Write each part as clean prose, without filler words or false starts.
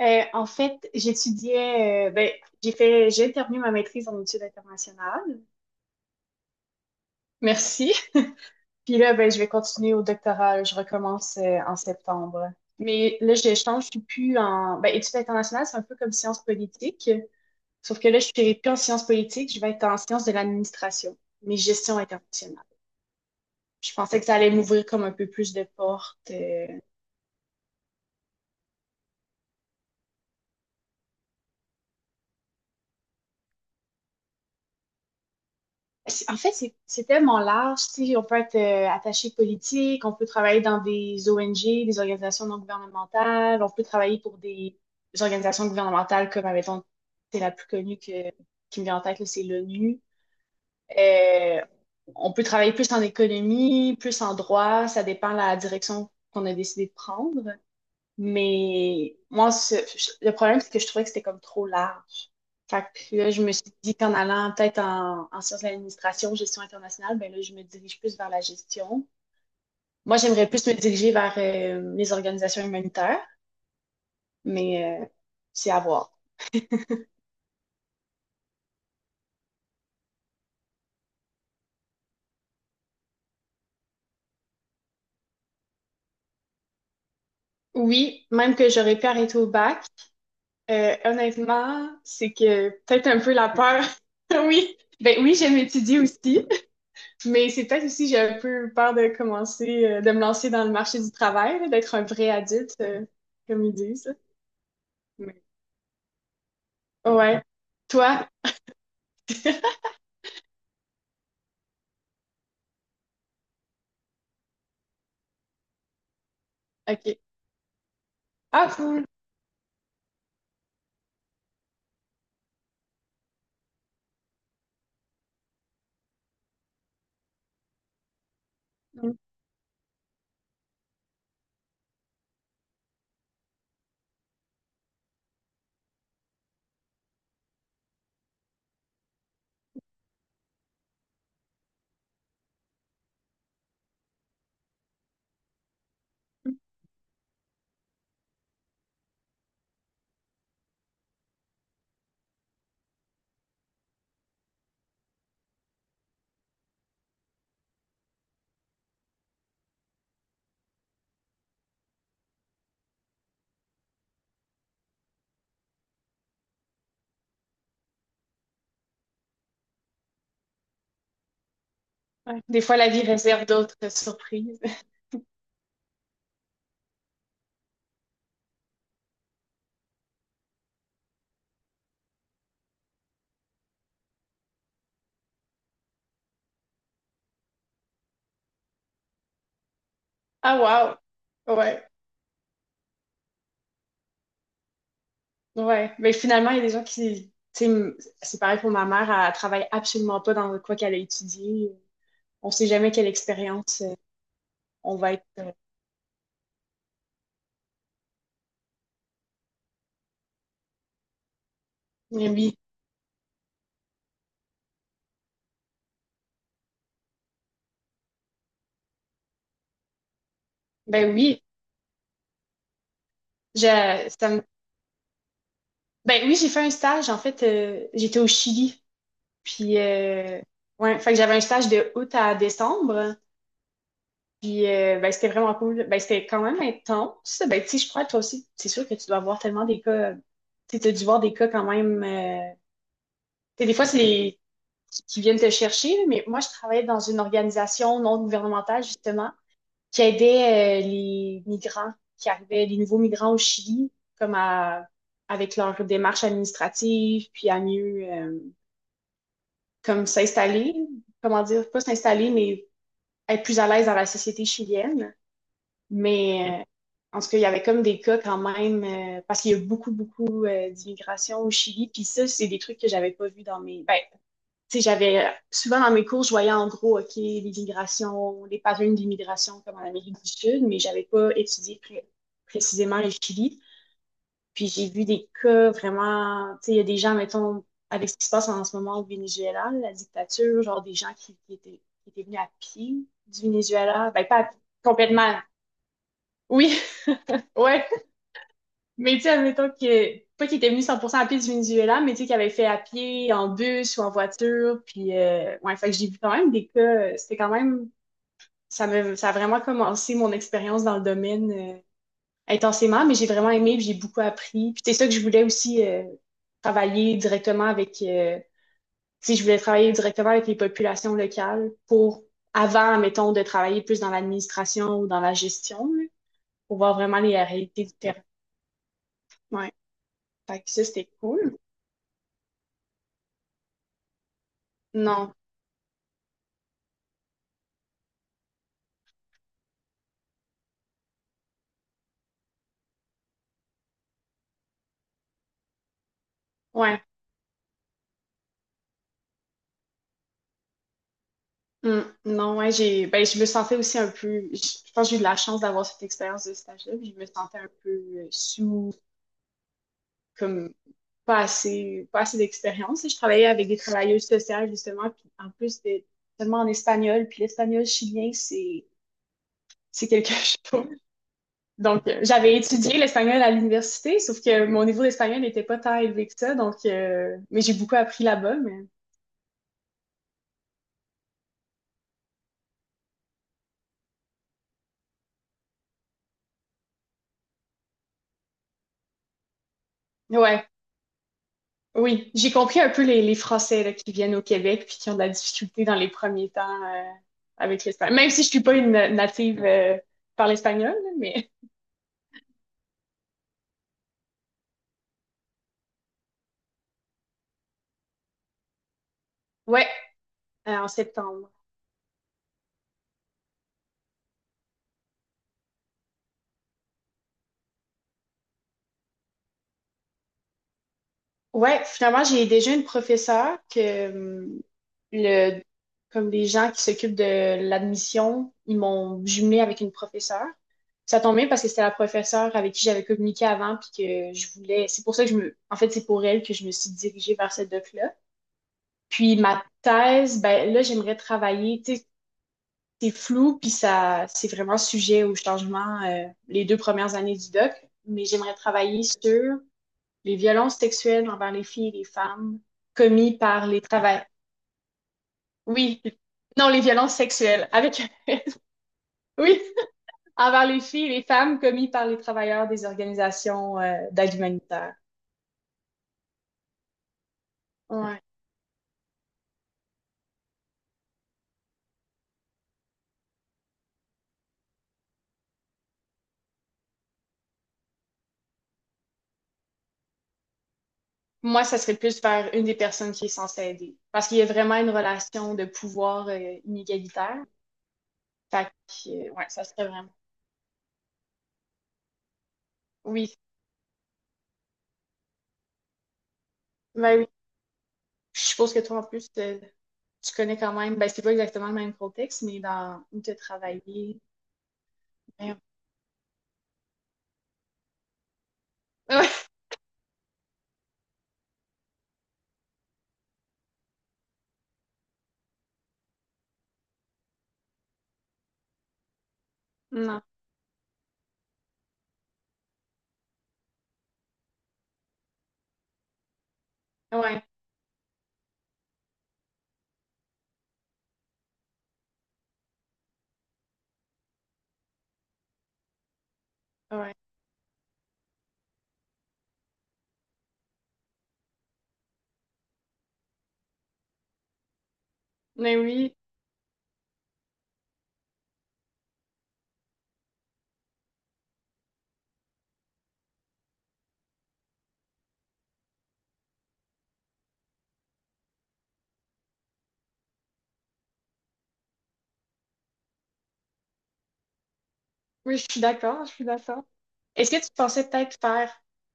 En fait, j'étudiais, j'ai fait, j'ai terminé ma maîtrise en études internationales. Merci. Puis là, ben, je vais continuer au doctorat. Je recommence en septembre. Mais là, je change, je suis plus en, ben, études internationales, c'est un peu comme sciences politiques. Sauf que là, je suis plus en sciences politiques, je vais être en sciences de l'administration, mais gestion internationale. Je pensais que ça allait m'ouvrir comme un peu plus de portes. En fait, c'est tellement large. Tu sais, on peut être attaché politique, on peut travailler dans des ONG, des organisations non gouvernementales, on peut travailler pour des organisations gouvernementales comme, admettons, c'est la plus qui me vient en tête, là, c'est l'ONU. Euh, on peut travailler plus en économie, plus en droit, ça dépend de la direction qu'on a décidé de prendre. Mais le problème, c'est que je trouvais que c'était comme trop large. Fait que puis là, je me suis dit qu'en allant peut-être en, en sciences de l'administration, gestion internationale, ben là, je me dirige plus vers la gestion. Moi, j'aimerais plus me diriger vers les organisations humanitaires, mais c'est à voir. Oui, même que j'aurais pu arrêter au bac, honnêtement, c'est que peut-être un peu la peur. Oui, ben oui, j'aime étudier aussi. Mais c'est peut-être aussi, j'ai un peu peur de commencer, de me lancer dans le marché du travail, là, d'être un vrai adulte, comme ils disent. Là. Mais- Ouais. Toi? OK. Ah, cool. Mm. Ouais. Des fois, la vie réserve d'autres surprises. Ah, wow. Ouais. Ouais. Mais finalement, il y a des gens qui, tu sais, m- c'est pareil pour ma mère, elle travaille absolument pas dans quoi qu'elle a étudié. On sait jamais quelle expérience on va être. Mais oui. Ben oui. Je, ça me. Ben oui, j'ai fait un stage. En fait, j'étais au Chili. Puis, euh, ouais, fait que j'avais un stage de août à décembre. Ben, c'était vraiment cool. Ben, c'était quand même intense. Ben, tu sais, je crois, toi aussi, c'est sûr que tu dois voir tellement des cas. Tu sais, t'as dû voir des cas quand même. Tu sais, des fois, c'est les qui viennent te chercher. Là, mais moi, je travaillais dans une organisation non gouvernementale, justement, qui aidait les migrants qui arrivaient, les nouveaux migrants au Chili, comme à, avec leur démarche administrative, puis à mieux. Comme s'installer, comment dire, pas s'installer, mais être plus à l'aise dans la société chilienne. Mais en tout cas, il y avait comme des cas quand même, parce qu'il y a beaucoup, beaucoup d'immigration au Chili. Puis ça, c'est des trucs que j'avais pas vu dans mes... Ben, tu sais, j'avais... Souvent dans mes cours, je voyais en gros, OK, l'immigration, les patterns d'immigration comme en Amérique du Sud, mais j'avais pas étudié précisément le Chili. Puis j'ai vu des cas vraiment, tu sais, il y a des gens, mettons, avec ce qui se passe en ce moment au Venezuela, la dictature, genre des gens qui étaient venus à pied du Venezuela. Ben, pas à pied, complètement. Oui, ouais. Mais tu sais, admettons que, pas qu'ils étaient venus 100% à pied du Venezuela, mais tu sais, qu'ils avaient fait à pied, en bus ou en voiture. Ouais, fait que j'ai vu quand même des cas, c'était quand même, ça me, ça a vraiment commencé mon expérience dans le domaine, intensément, mais j'ai vraiment aimé, puis j'ai beaucoup appris. Puis c'est ça que je voulais aussi travailler directement avec, tu sais, je voulais travailler directement avec les populations locales pour, avant, mettons, de travailler plus dans l'administration ou dans la gestion, là, pour voir vraiment les réalités du terrain. Ouais. Fait que ça, c'était cool. Non. Ouais. Mm. Non, ouais, j'ai, ben, je me sentais aussi un peu, je pense que j'ai eu de la chance d'avoir cette expérience de stage-là, puis je me sentais un peu sous, comme, pas assez, pas assez d'expérience. Je travaillais avec des travailleuses sociales, justement, puis en plus, c'était seulement en espagnol, puis l'espagnol chilien, c'est quelque chose. Donc, j'avais étudié l'espagnol à l'université, sauf que mon niveau d'espagnol n'était pas tant élevé que ça, donc, mais j'ai beaucoup appris là-bas, mais ouais. Oui, j'ai compris un peu les Français là, qui viennent au Québec puis qui ont de la difficulté dans les premiers temps avec l'espagnol. Même si je suis pas une native par l'espagnol, là, mais ouais, en septembre. Ouais, finalement, j'ai déjà une professeure que le comme les gens qui s'occupent de l'admission, ils m'ont jumelée avec une professeure. Ça tombe bien parce que c'était la professeure avec qui j'avais communiqué avant puis que je voulais. C'est pour ça que je me. En fait, c'est pour elle que je me suis dirigée vers cette doc-là. Puis ma thèse, ben là, j'aimerais travailler. Tu sais, c'est flou puis ça, c'est vraiment sujet au changement les deux premières années du doc. Mais j'aimerais travailler sur les violences sexuelles envers les filles et les femmes commises par les travailleurs. Oui, non, les violences sexuelles avec oui, envers les filles et les femmes commises par les travailleurs des organisations d'aide humanitaire. Ouais. Moi, ça serait plus vers une des personnes qui est censée aider. Parce qu'il y a vraiment une relation de pouvoir inégalitaire. Fait que, ouais, ça serait vraiment. Oui, ben oui. Je suppose que toi, en plus, tu connais quand même. Ben, c'est pas exactement le même contexte, mais dans où tu as travaillé. Ben, ouais. Non. Ouais. Ouais. Mais oui, oui, je suis d'accord, je suis d'accord. Est-ce que tu pensais peut-être faire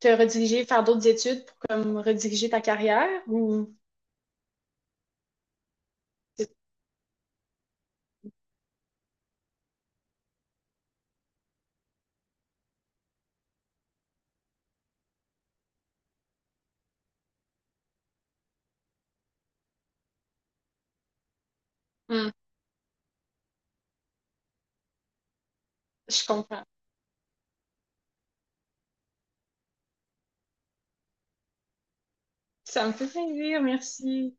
te rediriger, faire d'autres études pour comme rediriger ta carrière ou. Hmm, je comprends. Ça me fait plaisir, merci.